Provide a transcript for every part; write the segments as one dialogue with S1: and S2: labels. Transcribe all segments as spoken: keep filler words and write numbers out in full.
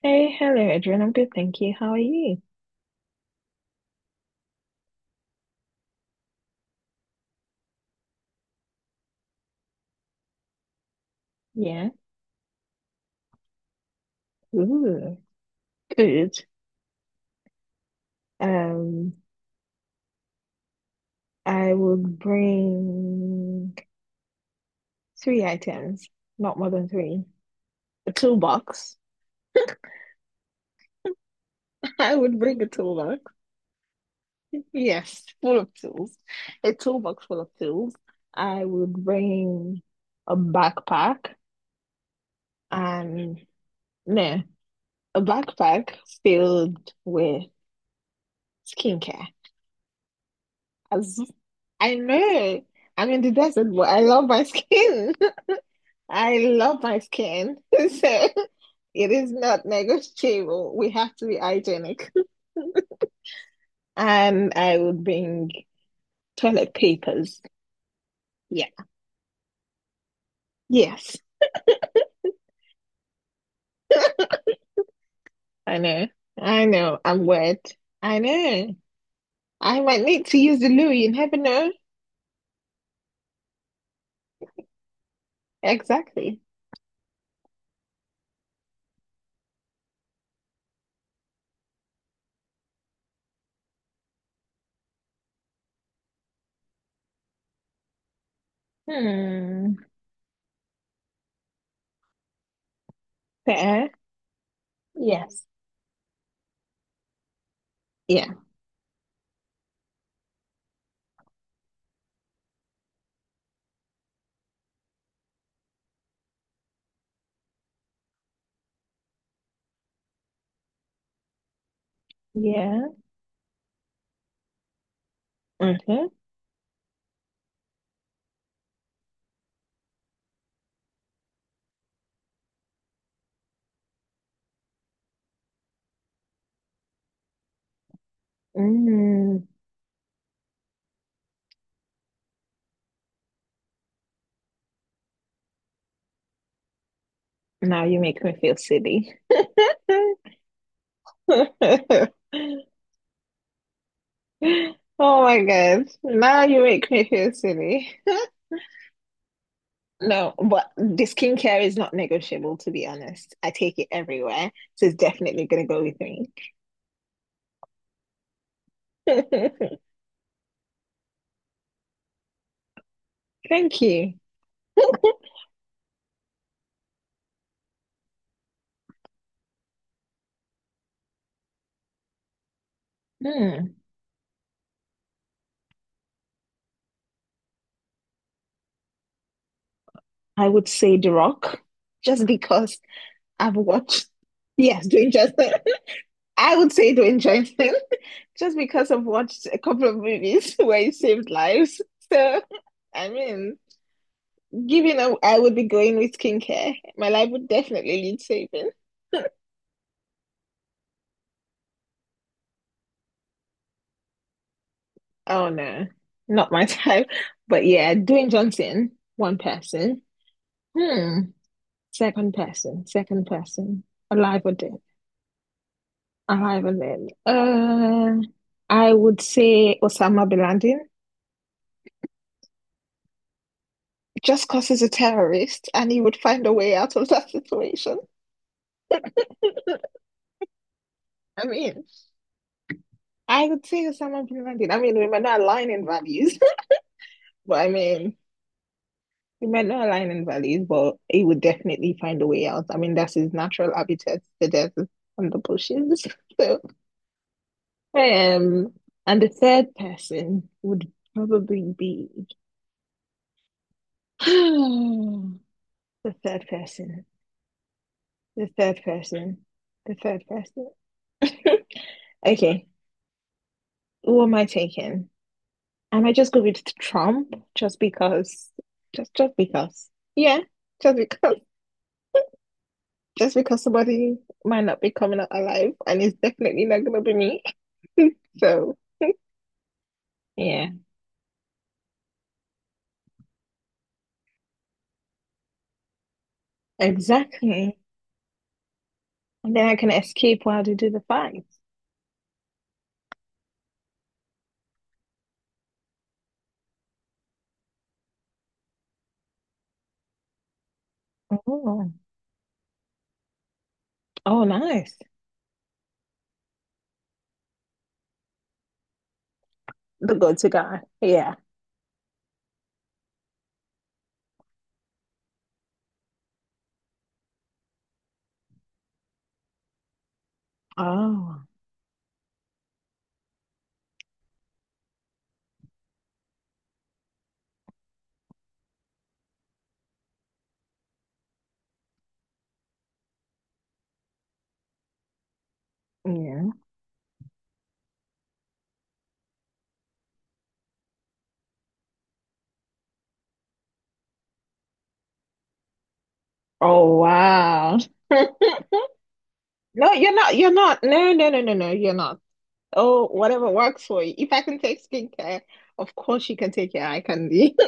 S1: Hey, hello, Adrian. I'm good, thank you. How are you? Yeah. Ooh, good. Um, I would bring three items, not more than three. A toolbox. I would bring a toolbox. Yes, full of tools. A toolbox full of tools. I would bring a backpack and no, a backpack filled with skincare. As I know, I'm in the desert, but I love my skin. I love my skin. So it is not negotiable. We have to be hygienic. And I would bring toilet papers. Yeah. Yes, I know. I know. I'm wet. I know. I might need to use the loo. You never know. Exactly. Hmm. Fair. Yes. Yeah. Yeah. Okay. Mm. Now you make me feel silly. Oh my God. Now you make me feel silly. No, but the skincare is not negotiable, to be honest. I take it everywhere. So it's definitely going to go with me. Thank you. Hmm. I would say The Rock, just because I've watched. Yes, Dwayne Johnson. I would say Dwayne Johnson, just because I've watched a couple of movies where he saved lives. So, I mean, given up, I would be going with skincare. My life would definitely lead saving. Oh no, not my type. But yeah, doing Johnson, one person. Hmm. Second person, second person. Alive or dead. Alive or dead. Uh, I would say Osama bin Laden, just because he's a terrorist and he would find a way out of that situation. I mean, I would say Osama bin Laden. I mean, we might not align in values, but I mean, he might not align in values, but he would definitely find a way out. I mean, that's his natural habitat, the desert and the bushes. So, um, and the third person would probably be the third person, the third person, the third person. Okay, who am I taking? I might just go with Trump just because, just just because. Yeah, just because. Just because somebody might not be coming out alive, and it's definitely not gonna be me. So yeah, exactly. And then I can escape while they do the fight. Oh, oh, nice. The go-to guy. Yeah. Oh, yeah. Oh, wow. No, you're not. You're not. No, no, no, no, no. You're not. Oh, whatever works for you. If I can take skincare, of course you can take your eye candy.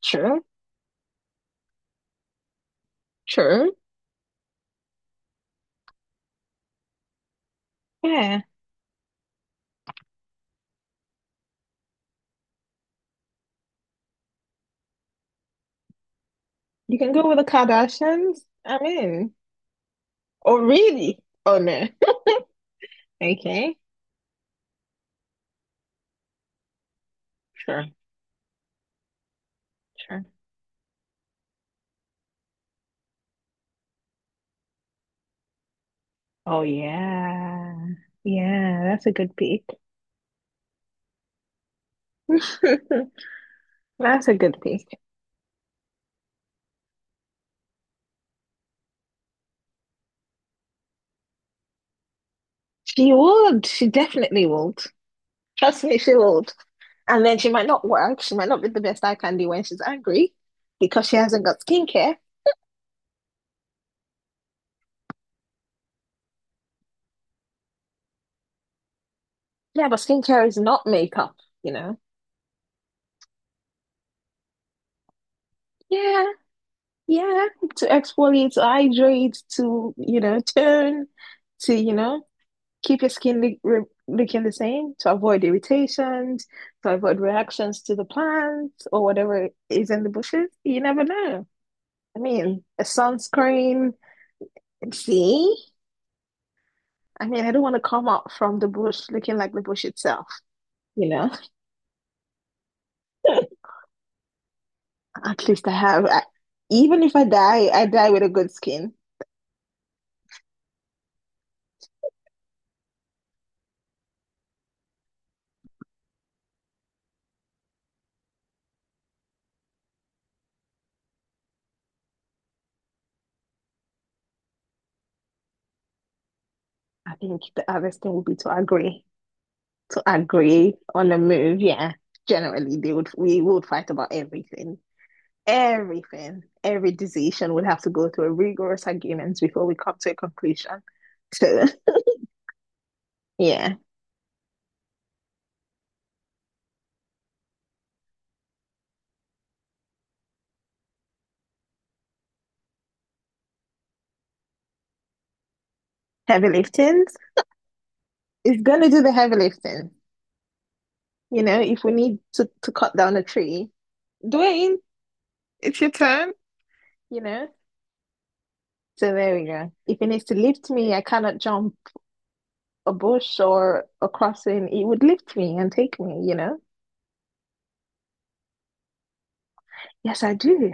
S1: Sure, sure. Yeah. You can go with the Kardashians. I'm in. Oh, really? Oh, no. Okay. Sure. Sure. Oh, yeah. Yeah, that's a good pick. That's a good pick. She would. She definitely would. Trust me, she would. And then she might not work. She might not be the best eye candy when she's angry because she hasn't got skincare. Yeah, but skincare is not makeup, you know? Yeah, yeah. To exfoliate, to hydrate, to, you know, tone, to, you know, keep your skin li re looking the same to avoid irritations, to avoid reactions to the plants or whatever is in the bushes. You never know. I mean, a sunscreen. See? I mean, I don't want to come out from the bush looking like the bush itself, you know? At least I have, I, even if I die, I die with a good skin. I think the hardest thing would be to agree. To agree on a move, yeah, generally they would we would fight about everything. Everything, every decision would have to go through a rigorous arguments before we come to a conclusion. So yeah, heavy lifting is gonna do the heavy lifting. You know, if we need to, to cut down a tree, Dwayne, it's your turn, you know. So there we go. If it needs to lift me, I cannot jump a bush or a crossing, it would lift me and take me, you know. Yes, I do.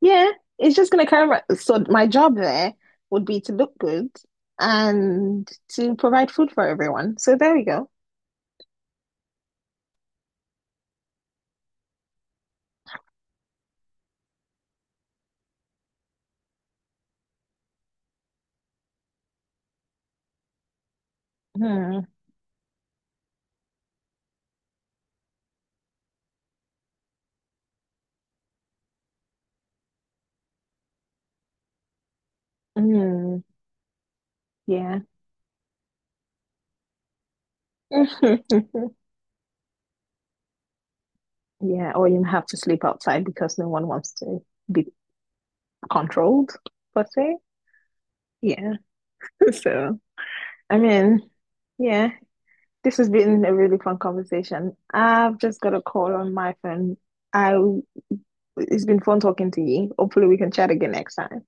S1: Yeah, it's just gonna carry my, so my job there would be to look good and to provide food for everyone. So there we go. Hmm. Hmm. Yeah. Yeah, or you have to sleep outside because no one wants to be controlled, per se. Yeah. So, I mean, yeah, this has been a really fun conversation. I've just got a call on my phone. I It's been fun talking to you. Hopefully we can chat again next time.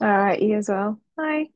S1: All right, you as well. Bye.